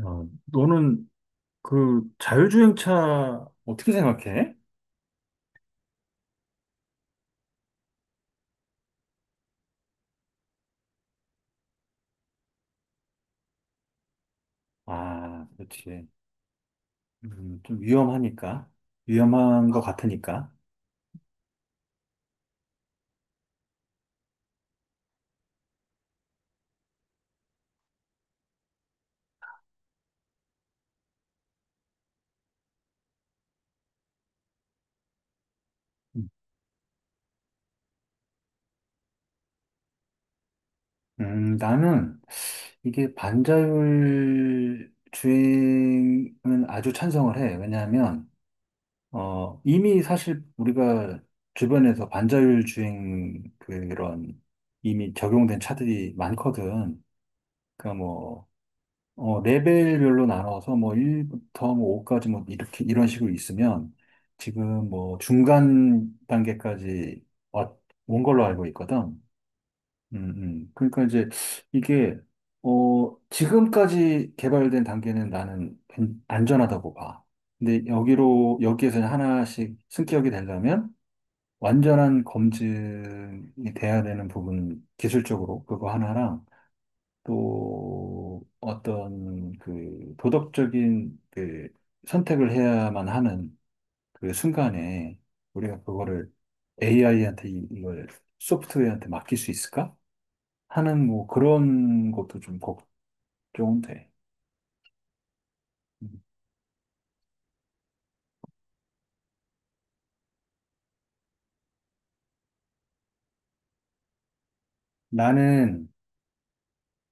야, 너는 그 자율주행차 어떻게 생각해? 아, 그렇지. 좀 위험하니까. 위험한 것 같으니까. 음, 나는 이게 반자율 주행은 아주 찬성을 해. 왜냐하면, 이미 사실 우리가 주변에서 반자율 주행 그런 이미 적용된 차들이 많거든. 그러니까 뭐, 레벨별로 나눠서 뭐 1부터 뭐 5까지 뭐 이렇게 이런 식으로 있으면 지금 뭐 중간 단계까지 왔- 온 걸로 알고 있거든. 그러니까 이제 이게 지금까지 개발된 단계는 나는 안전하다고 봐. 근데 여기로 여기에서 하나씩 승격이 되려면 완전한 검증이 돼야 되는 부분 기술적으로 그거 하나랑 또 어떤 그 도덕적인 그 선택을 해야만 하는 그 순간에 우리가 그거를 AI한테 이걸 소프트웨어한테 맡길 수 있을까? 하는 뭐 그런 것도 좀 걱정돼. 음. 나는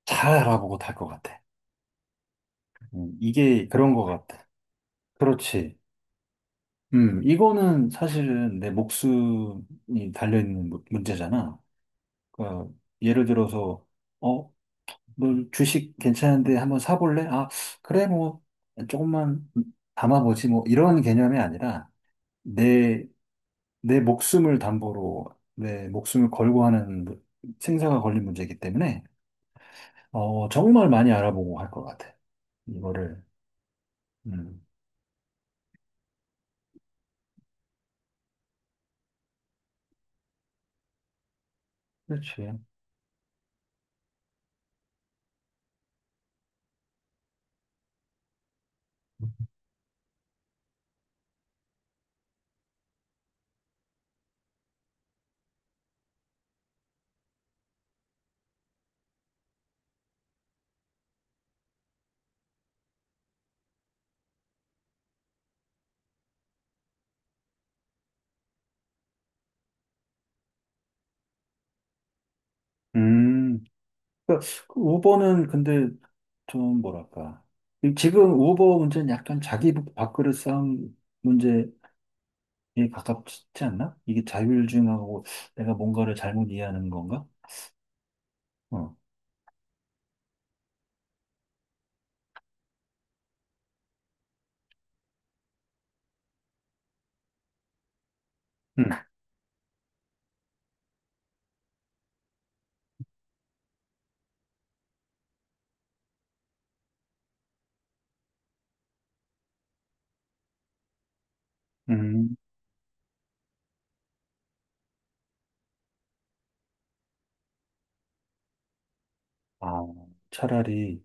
잘 알아보고 탈 것 같아. 이게 그런 것 같아. 그렇지. 이거는 사실은 내 목숨이 달려있는 문제잖아. 그러니까 예를 들어서 어, 뭐 주식 괜찮은데 한번 사볼래? 아, 그래 뭐 조금만 담아보지 뭐 이런 개념이 아니라 내, 내 목숨을 담보로 내 목숨을 걸고 하는 생사가 걸린 문제이기 때문에 정말 많이 알아보고 할 것 같아. 이거를. 음. 그렇지. 음. 그러니까 그 우버는 근데 좀 뭐랄까. 지금 우버 문제는 약간 자기 밥그릇 싸움 문제 이게 가깝지 않나? 이게 자율주행하고 내가 뭔가를 잘못 이해하는 건가? 어. 음. 음. 아, 차라리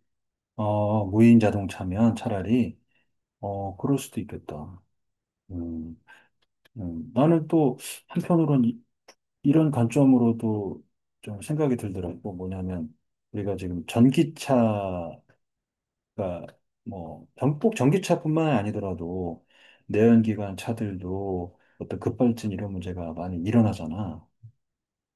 무인 자동차면 차라리 그럴 수도 있겠다. 음. 음. 나는 또 한편으로는 이런 관점으로도 좀 생각이 들더라고. 뭐냐면 우리가 지금 전기차가 뭐 꼭 전기차뿐만 아니더라도 내연기관 차들도 어떤 급발진 이런 문제가 많이 일어나잖아.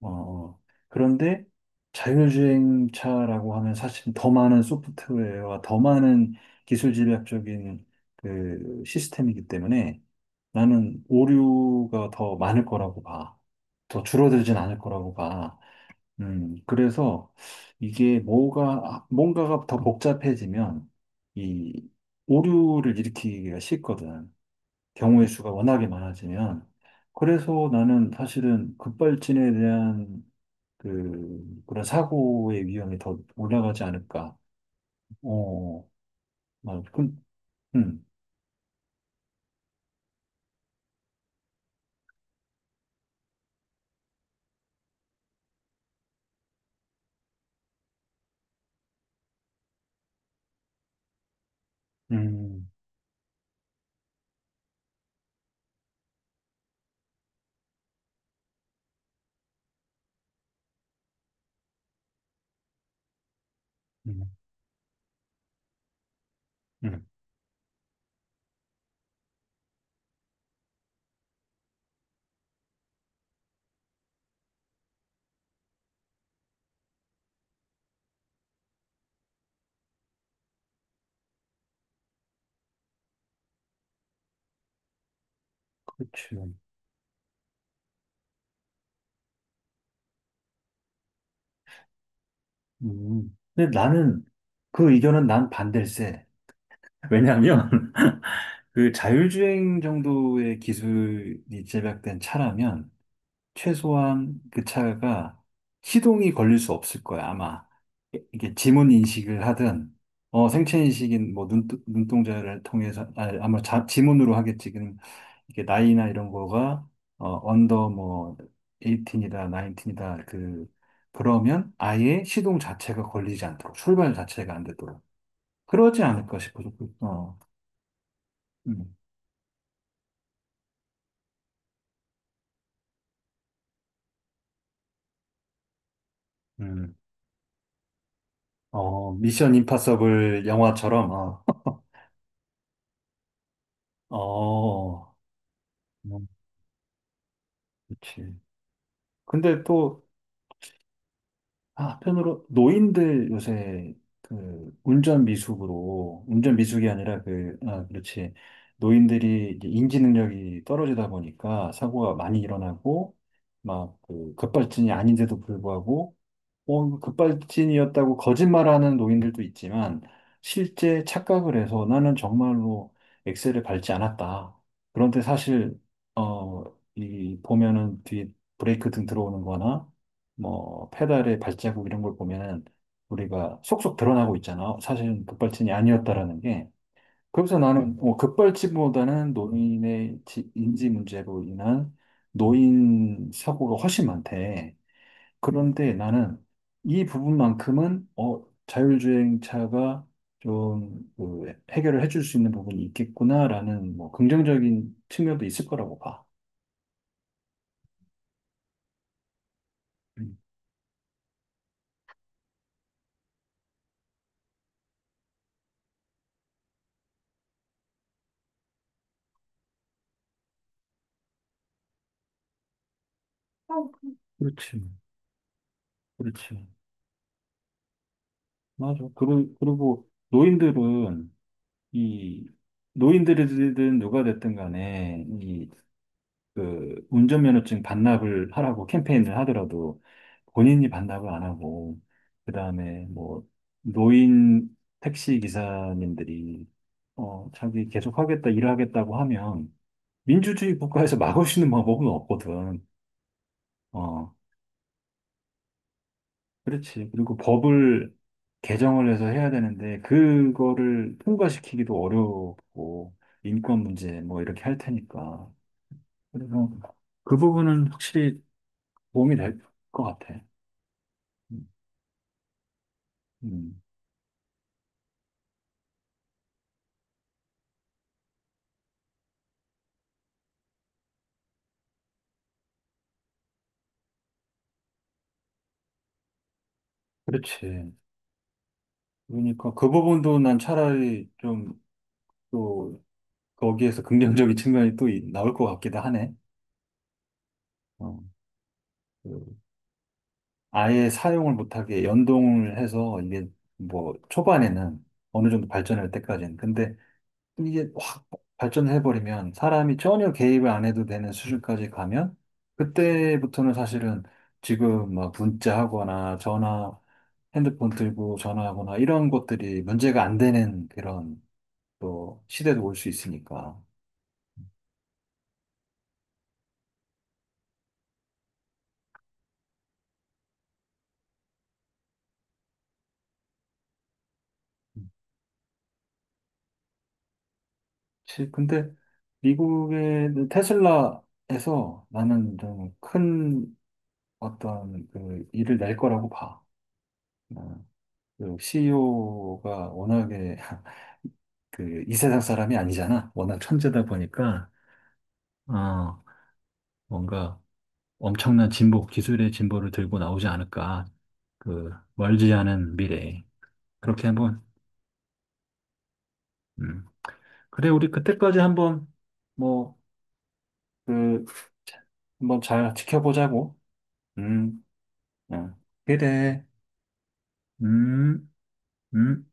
어, 어. 그런데 자율주행차라고 하면 사실 더 많은 소프트웨어와 더 많은 기술 집약적인 그 시스템이기 때문에 나는 오류가 더 많을 거라고 봐. 더 줄어들진 않을 거라고 봐. 그래서 뭔가가 더 복잡해지면 이 오류를 일으키기가 쉽거든. 경우의 수가 워낙에 많아지면. 그래서 나는 사실은 급발진에 대한 그런 사고의 위험이 더 올라가지 않을까. 어, 맞아. 그, 음, 음, 음, 음. 그치. 음. 근데 나는 그 의견은 난 반댈세. 왜냐면, 그 자율주행 정도의 기술이 제작된 차라면, 최소한 그 차가 시동이 걸릴 수 없을 거야, 아마. 이게 지문 인식을 하든, 생체 인식인 뭐 눈동자를 통해서, 아, 아마 지문으로 하겠지. 지금 이게 나이나 이런 거가, 언더 뭐, 18이다, 19이다, 그러면 아예 시동 자체가 걸리지 않도록, 출발 자체가 안 되도록. 그러지 않을까 싶어. 어, 음, 음. 어, 미션 임파서블 영화처럼, 어, 음, 그치. 근데 또 아, 한편으로 노인들 요새 그 운전 미숙으로 운전 미숙이 아니라 그 아, 그렇지 노인들이 이제 인지 능력이 떨어지다 보니까 사고가 많이 일어나고 막 그 급발진이 아닌데도 불구하고 급발진이었다고 거짓말하는 노인들도 있지만 실제 착각을 해서 나는 정말로 엑셀을 밟지 않았다. 그런데 사실 어, 이 보면은 뒤에 브레이크 등 들어오는 거나 뭐 페달의 발자국 이런 걸 보면은 우리가 속속 드러나고 있잖아. 사실은 급발진이 아니었다라는 게. 그래서 나는 뭐 급발진보다는 노인의 인지 문제로 인한 노인 사고가 훨씬 많대. 그런데 나는 이 부분만큼은 자율주행차가 좀그 해결을 해줄 수 있는 부분이 있겠구나라는 뭐 긍정적인 측면도 있을 거라고 봐. 음. 어, 그- 그렇지, 그렇지. 맞아. 그리고 노인들은 이 노인들이든 누가 됐든 간에 이 그 운전면허증 반납을 하라고 캠페인을 하더라도 본인이 반납을 안 하고 그다음에 뭐 노인 택시 기사님들이 자기 계속 하겠다 일하겠다고 하면 민주주의 국가에서 막을 수 있는 방법은 없거든. 어 그렇지. 그리고 법을 개정을 해서 해야 되는데 그거를 통과시키기도 어렵고 인권 문제 뭐 이렇게 할 테니까. 그래서 그 부분은 확실히 도움이 될 것 같아. 음, 음. 그렇지. 그러니까 그 부분도 난 차라리 좀 또 거기에서 긍정적인 측면이 또 나올 것 같기도 하네. 어, 그 아예 사용을 못하게 연동을 해서 이게 뭐 초반에는 어느 정도 발전할 때까지는. 근데 이게 확 발전해버리면 사람이 전혀 개입을 안 해도 되는 수준까지 가면 그때부터는 사실은 지금 막 문자하거나 전화 핸드폰 들고 전화하거나 이런 것들이 문제가 안 되는 그런 또 시대도 올 수 있으니까. 근데 미국의 테슬라에서 나는 좀 큰 어떤 그 일을 낼 거라고 봐. 어, 그 CEO가 워낙에 그 이 세상 사람이 아니잖아. 워낙 천재다 보니까 어, 뭔가 엄청난 진보, 기술의 진보를 들고 나오지 않을까. 그 멀지 않은 미래에. 그렇게 한번 음, 그래, 우리 그때까지 한번, 뭐, 그, 한번 잘 지켜보자고. 음, 어. 그래. 음, 음.